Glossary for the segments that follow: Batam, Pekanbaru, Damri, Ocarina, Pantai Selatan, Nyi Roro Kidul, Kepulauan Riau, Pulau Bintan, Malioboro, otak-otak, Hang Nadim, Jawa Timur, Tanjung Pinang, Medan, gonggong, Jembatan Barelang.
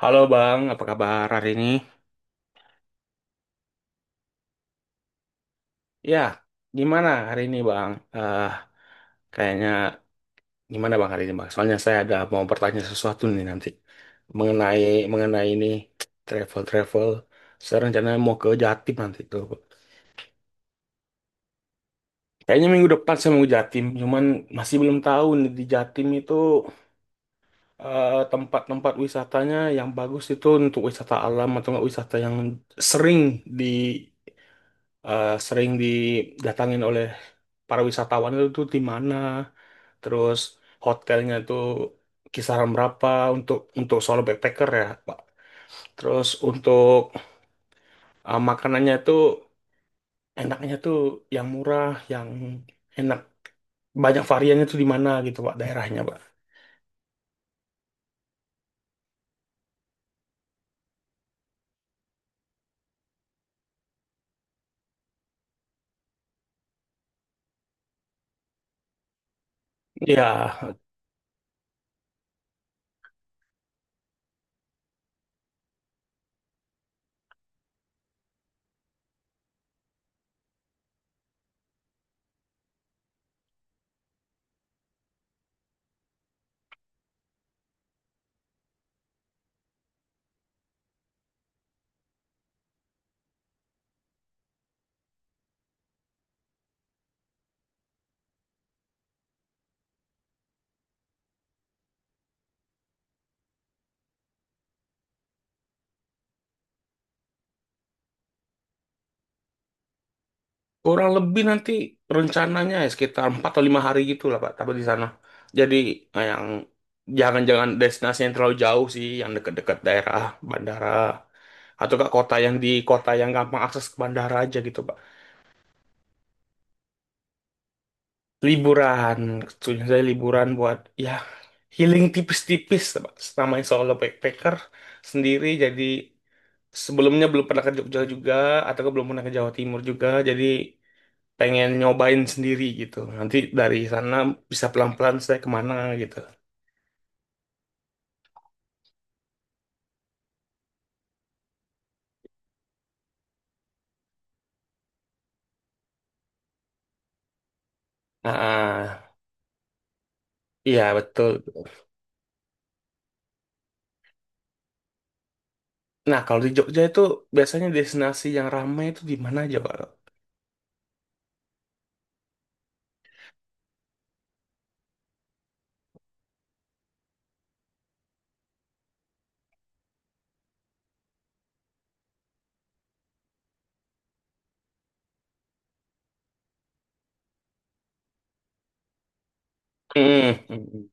Halo Bang, apa kabar hari ini? Ya, gimana hari ini Bang? Eh, kayaknya gimana Bang hari ini Bang? Soalnya saya ada mau bertanya sesuatu nih nanti mengenai mengenai ini travel travel. Saya rencananya mau ke Jatim nanti tuh. Kayaknya minggu depan saya mau ke Jatim, cuman masih belum tahu nih di Jatim itu tempat-tempat wisatanya yang bagus itu untuk wisata alam atau nggak wisata yang sering di. Sering didatangin oleh para wisatawan itu tuh di mana, terus hotelnya itu kisaran berapa untuk solo backpacker ya, Pak. Terus untuk makanannya itu enaknya tuh yang murah, yang enak banyak variannya tuh di mana gitu Pak daerahnya Pak. Iya. Kurang lebih nanti rencananya ya sekitar 4 atau 5 hari gitu lah Pak, tapi di sana. Jadi yang jangan-jangan destinasi yang terlalu jauh sih, yang dekat-dekat daerah bandara. Atau ke kota yang di kota yang gampang akses ke bandara aja gitu Pak. Liburan, maksudnya saya liburan buat ya healing tipis-tipis Pak. Namanya solo backpacker sendiri jadi sebelumnya belum pernah ke Jogja juga atau belum pernah ke Jawa Timur juga jadi pengen nyobain sendiri gitu. Nanti dari sana bisa pelan-pelan saya kemana gitu. Ah, ah. Iya betul. Nah kalau di Jogja itu biasanya destinasi yang ramai itu di mana aja Pak? Hmm.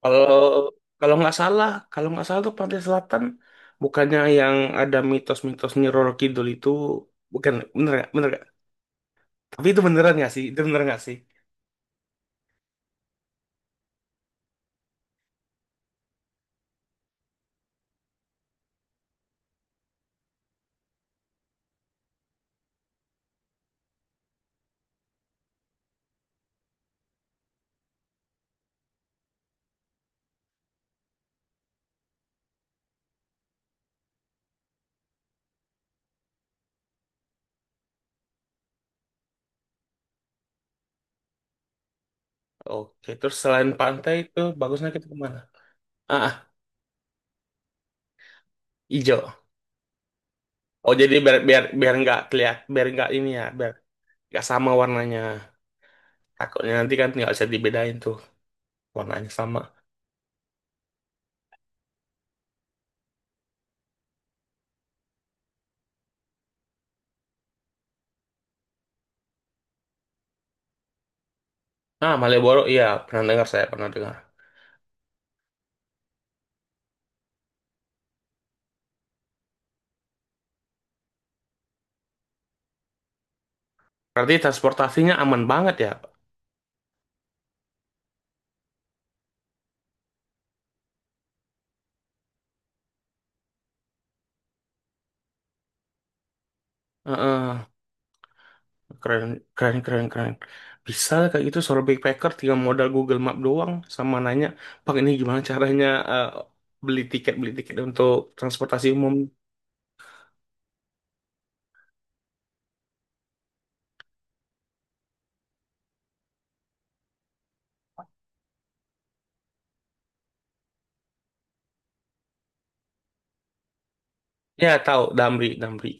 Kalau kalau nggak salah tuh Pantai Selatan bukannya yang ada mitos-mitos Nyi Roro Kidul itu bukan bener nggak? Bener nggak? Tapi itu beneran nggak sih? Itu bener nggak sih? Oke, terus selain pantai itu bagusnya kita kemana? Ah, ijo. Oh jadi biar biar biar nggak keliat biar nggak ini ya biar nggak sama warnanya. Takutnya nanti kan nggak bisa dibedain tuh warnanya sama. Nah Malioboro iya pernah dengar saya pernah dengar. Berarti transportasinya aman banget ya. Heeh. Keren, keren, keren, keren. Bisa lah kayak gitu seorang backpacker tinggal modal Google Map doang sama nanya Pak ini gimana caranya eh, beli tiket untuk transportasi umum. Ya tahu Damri, Damri.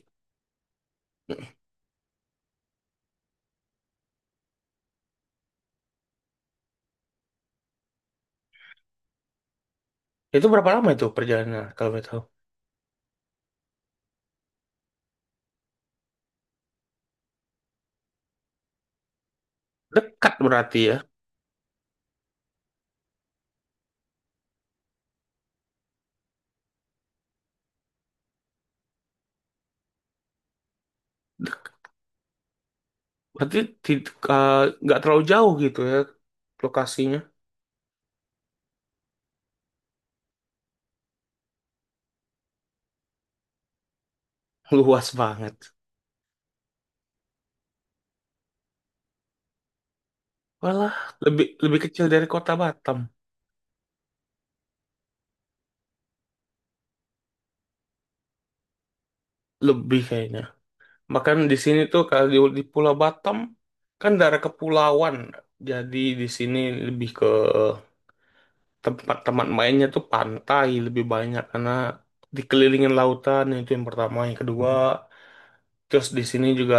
Itu berapa lama itu perjalanannya kalau boleh tahu? Dekat berarti ya. Berarti tid- eh, nggak terlalu jauh gitu ya lokasinya. Luas banget. Walah, lebih lebih kecil dari kota Batam. Lebih kayaknya. Bahkan di sini tuh kalau di Pulau Batam kan daerah kepulauan. Jadi di sini lebih ke tempat teman mainnya tuh pantai lebih banyak karena dikelilingin lautan itu yang pertama, yang kedua. Terus di sini juga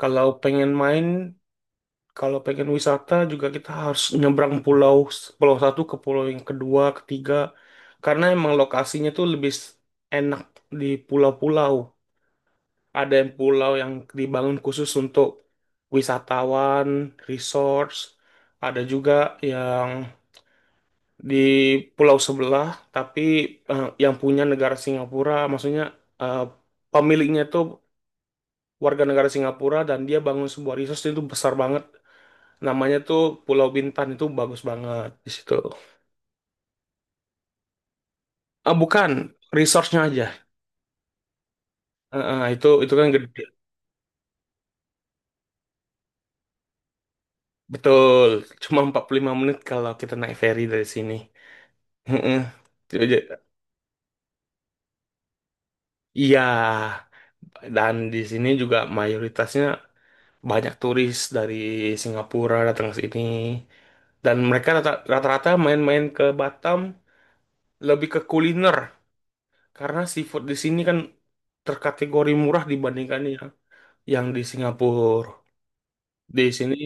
kalau pengen main kalau pengen wisata juga kita harus nyebrang pulau pulau satu ke pulau yang kedua, ketiga, karena emang lokasinya tuh enak di pulau-pulau. Ada yang pulau yang dibangun khusus untuk wisatawan, resorts, ada juga yang di pulau sebelah, tapi yang punya negara Singapura, maksudnya eh, pemiliknya tuh warga negara Singapura dan dia bangun sebuah resort itu besar banget. Namanya tuh Pulau Bintan itu bagus banget di situ. Ah bukan, resource-nya aja. Itu kan gede. Betul. Cuma 45 menit kalau kita naik ferry dari sini. Heeh. Jadi- jadi- Iya. Dan di sini juga mayoritasnya banyak turis dari Singapura datang ke sini. Dan mereka rata-rata main-main ke Batam lebih ke kuliner karena seafood di sini kan terkategori murah dibandingkan yang di Singapura. Di sini,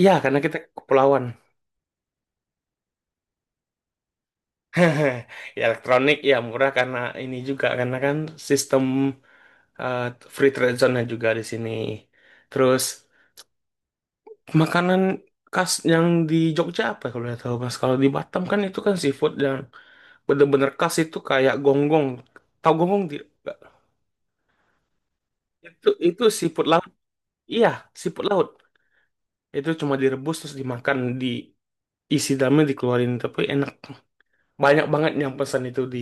iya karena kita kepulauan. Ya, elektronik ya murah karena ini juga karena kan sistem eh, free trade zone-nya juga di sini. Terus makanan khas yang di Jogja apa kalau boleh tahu Mas? Kalau di Batam kan itu kan seafood yang bener-bener khas itu kayak gonggong. Tahu gonggong di itu seafood laut. Iya, seafood laut. Itu cuma direbus terus dimakan diisi dalamnya dikeluarin tapi enak. Banyak banget yang pesan itu di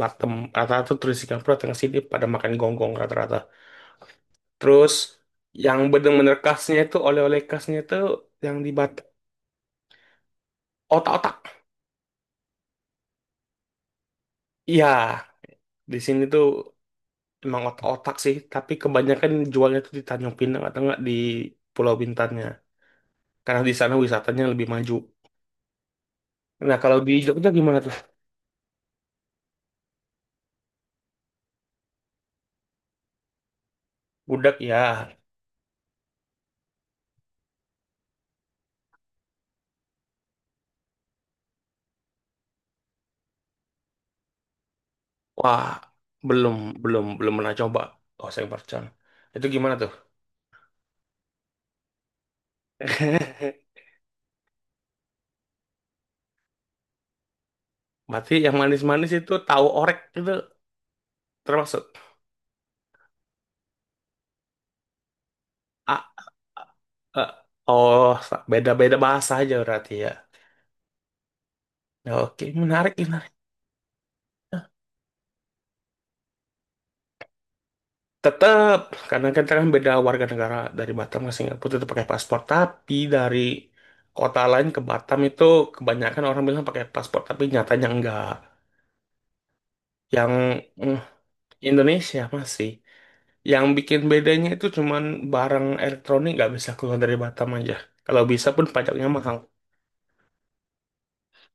Batam. Rata-rata turis Singapura tengah sini pada makan gonggong rata-rata. Terus yang bener-bener khasnya itu oleh-oleh khasnya itu yang di Batam. Otak-otak. Iya, di sini tuh emang otak-otak sih. Tapi kebanyakan jualnya tuh di Tanjung Pinang atau enggak di Pulau Bintannya. Karena di sana wisatanya lebih maju. Nah, kalau di Jogja gimana tuh? Budak ya. Wah, belum, belum pernah coba. Oh, saya itu gimana tuh? Berarti yang manis-manis itu tahu orek itu termasuk A, E, oh beda-beda bahasa aja berarti ya. Ya, oke, menarik, menarik. Tetap karena kita kan beda warga negara dari Batam ke Singapura itu pakai paspor, tapi dari kota lain ke Batam itu kebanyakan orang bilang pakai paspor, tapi nyatanya enggak. Yang mm, Indonesia masih. Yang bikin bedanya itu cuman barang elektronik nggak bisa keluar dari Batam aja. Kalau bisa pun pajaknya mahal.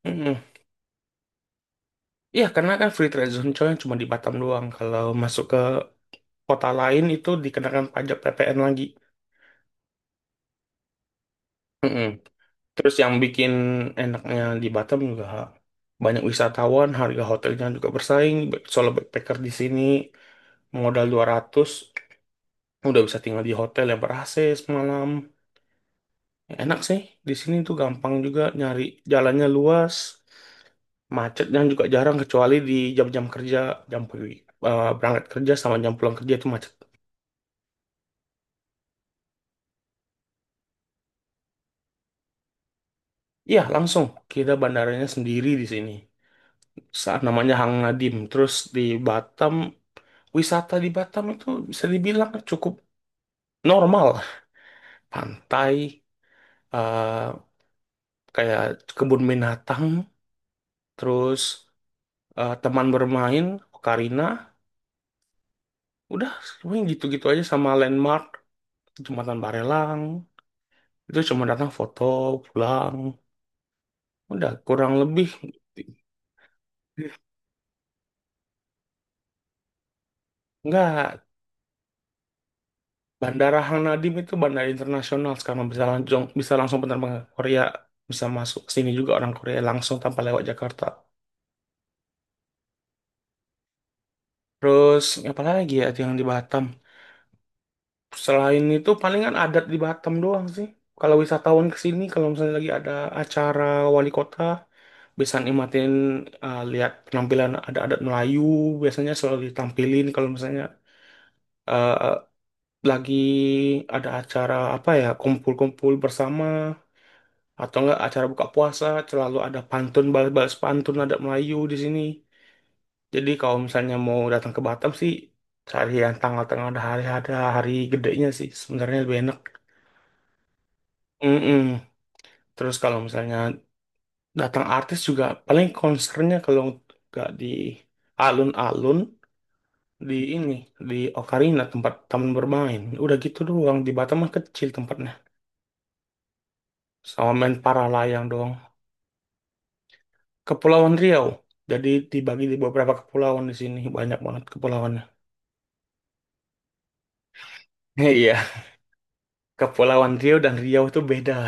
Mm-mm. Iya, karena kan free trade zone coy cuma di Batam doang. Kalau masuk ke kota lain itu dikenakan pajak PPN lagi. Mm-mm. Terus yang bikin enaknya di Batam juga banyak wisatawan, harga hotelnya juga bersaing. Solo backpacker di sini modal 200 udah bisa tinggal di hotel yang ber-AC semalam. Ya, enak sih, di sini tuh gampang juga nyari jalannya luas, macetnya juga jarang kecuali di jam-jam kerja, jam pagi, berangkat kerja sama jam pulang kerja itu macet. Iya, langsung. Kita bandaranya sendiri di sini. Namanya Hang Nadim. Terus di Batam, wisata di Batam itu bisa dibilang cukup normal. Pantai, eh, kayak kebun binatang, terus teman bermain, Ocarina. Udah, semuanya gitu-gitu aja sama landmark, Jembatan Barelang. Itu cuma datang foto, pulang. Udah, kurang lebih. Enggak, Bandara Hang Nadim itu bandara internasional sekarang bisa langsung penerbang ke Korea bisa masuk ke sini juga orang Korea langsung tanpa lewat Jakarta. Terus apa lagi ya yang di Batam? Selain itu palingan adat di Batam doang sih. Kalau wisatawan ke sini kalau misalnya lagi ada acara wali kota bisa nikmatin lihat penampilan ada adat Melayu biasanya selalu ditampilin kalau misalnya eh, lagi ada acara apa ya kumpul-kumpul bersama atau enggak acara buka puasa selalu ada pantun balas-balas pantun ada Melayu di sini jadi kalau misalnya mau datang ke Batam sih cari yang tanggal-tanggal ada hari gedenya sih sebenarnya lebih enak. Mm-mm. Terus kalau misalnya datang artis juga paling konsernya kalau nggak di alun-alun di ini di Ocarina tempat taman bermain udah gitu doang di Batam mah kecil tempatnya sama main para layang doang. Kepulauan Riau. Jadi dibagi di beberapa kepulauan di sini. Banyak banget kepulauannya. Iya, Kepulauan Riau dan Riau itu beda.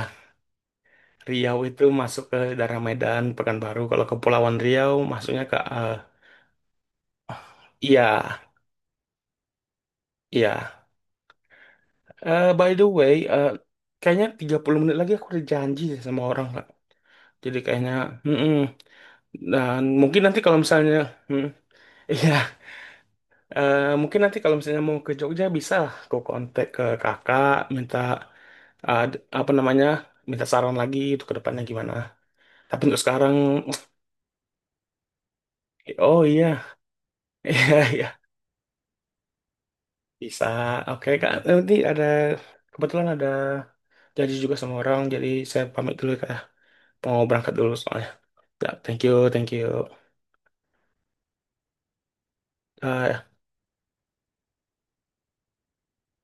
Riau itu masuk ke daerah Medan, Pekanbaru. Kalau Kepulauan Riau masuknya ke iya, iya. By the way, kayaknya 30 menit lagi aku ada janji deh sama orang, Kak. Jadi kayaknya, mm-mm. Dan mungkin nanti kalau misalnya, mm, iya, mungkin nanti kalau misalnya mau ke Jogja bisa lah. Aku kontak ke kakak, minta apa namanya minta saran lagi itu ke depannya gimana. Tapi untuk sekarang, oh iya, iya iya bisa. Oke kak, nanti ada kebetulan ada janji juga sama orang, jadi saya pamit dulu ya, kak. Ya. Mau berangkat dulu soalnya. Ya, thank you, thank you. Bye.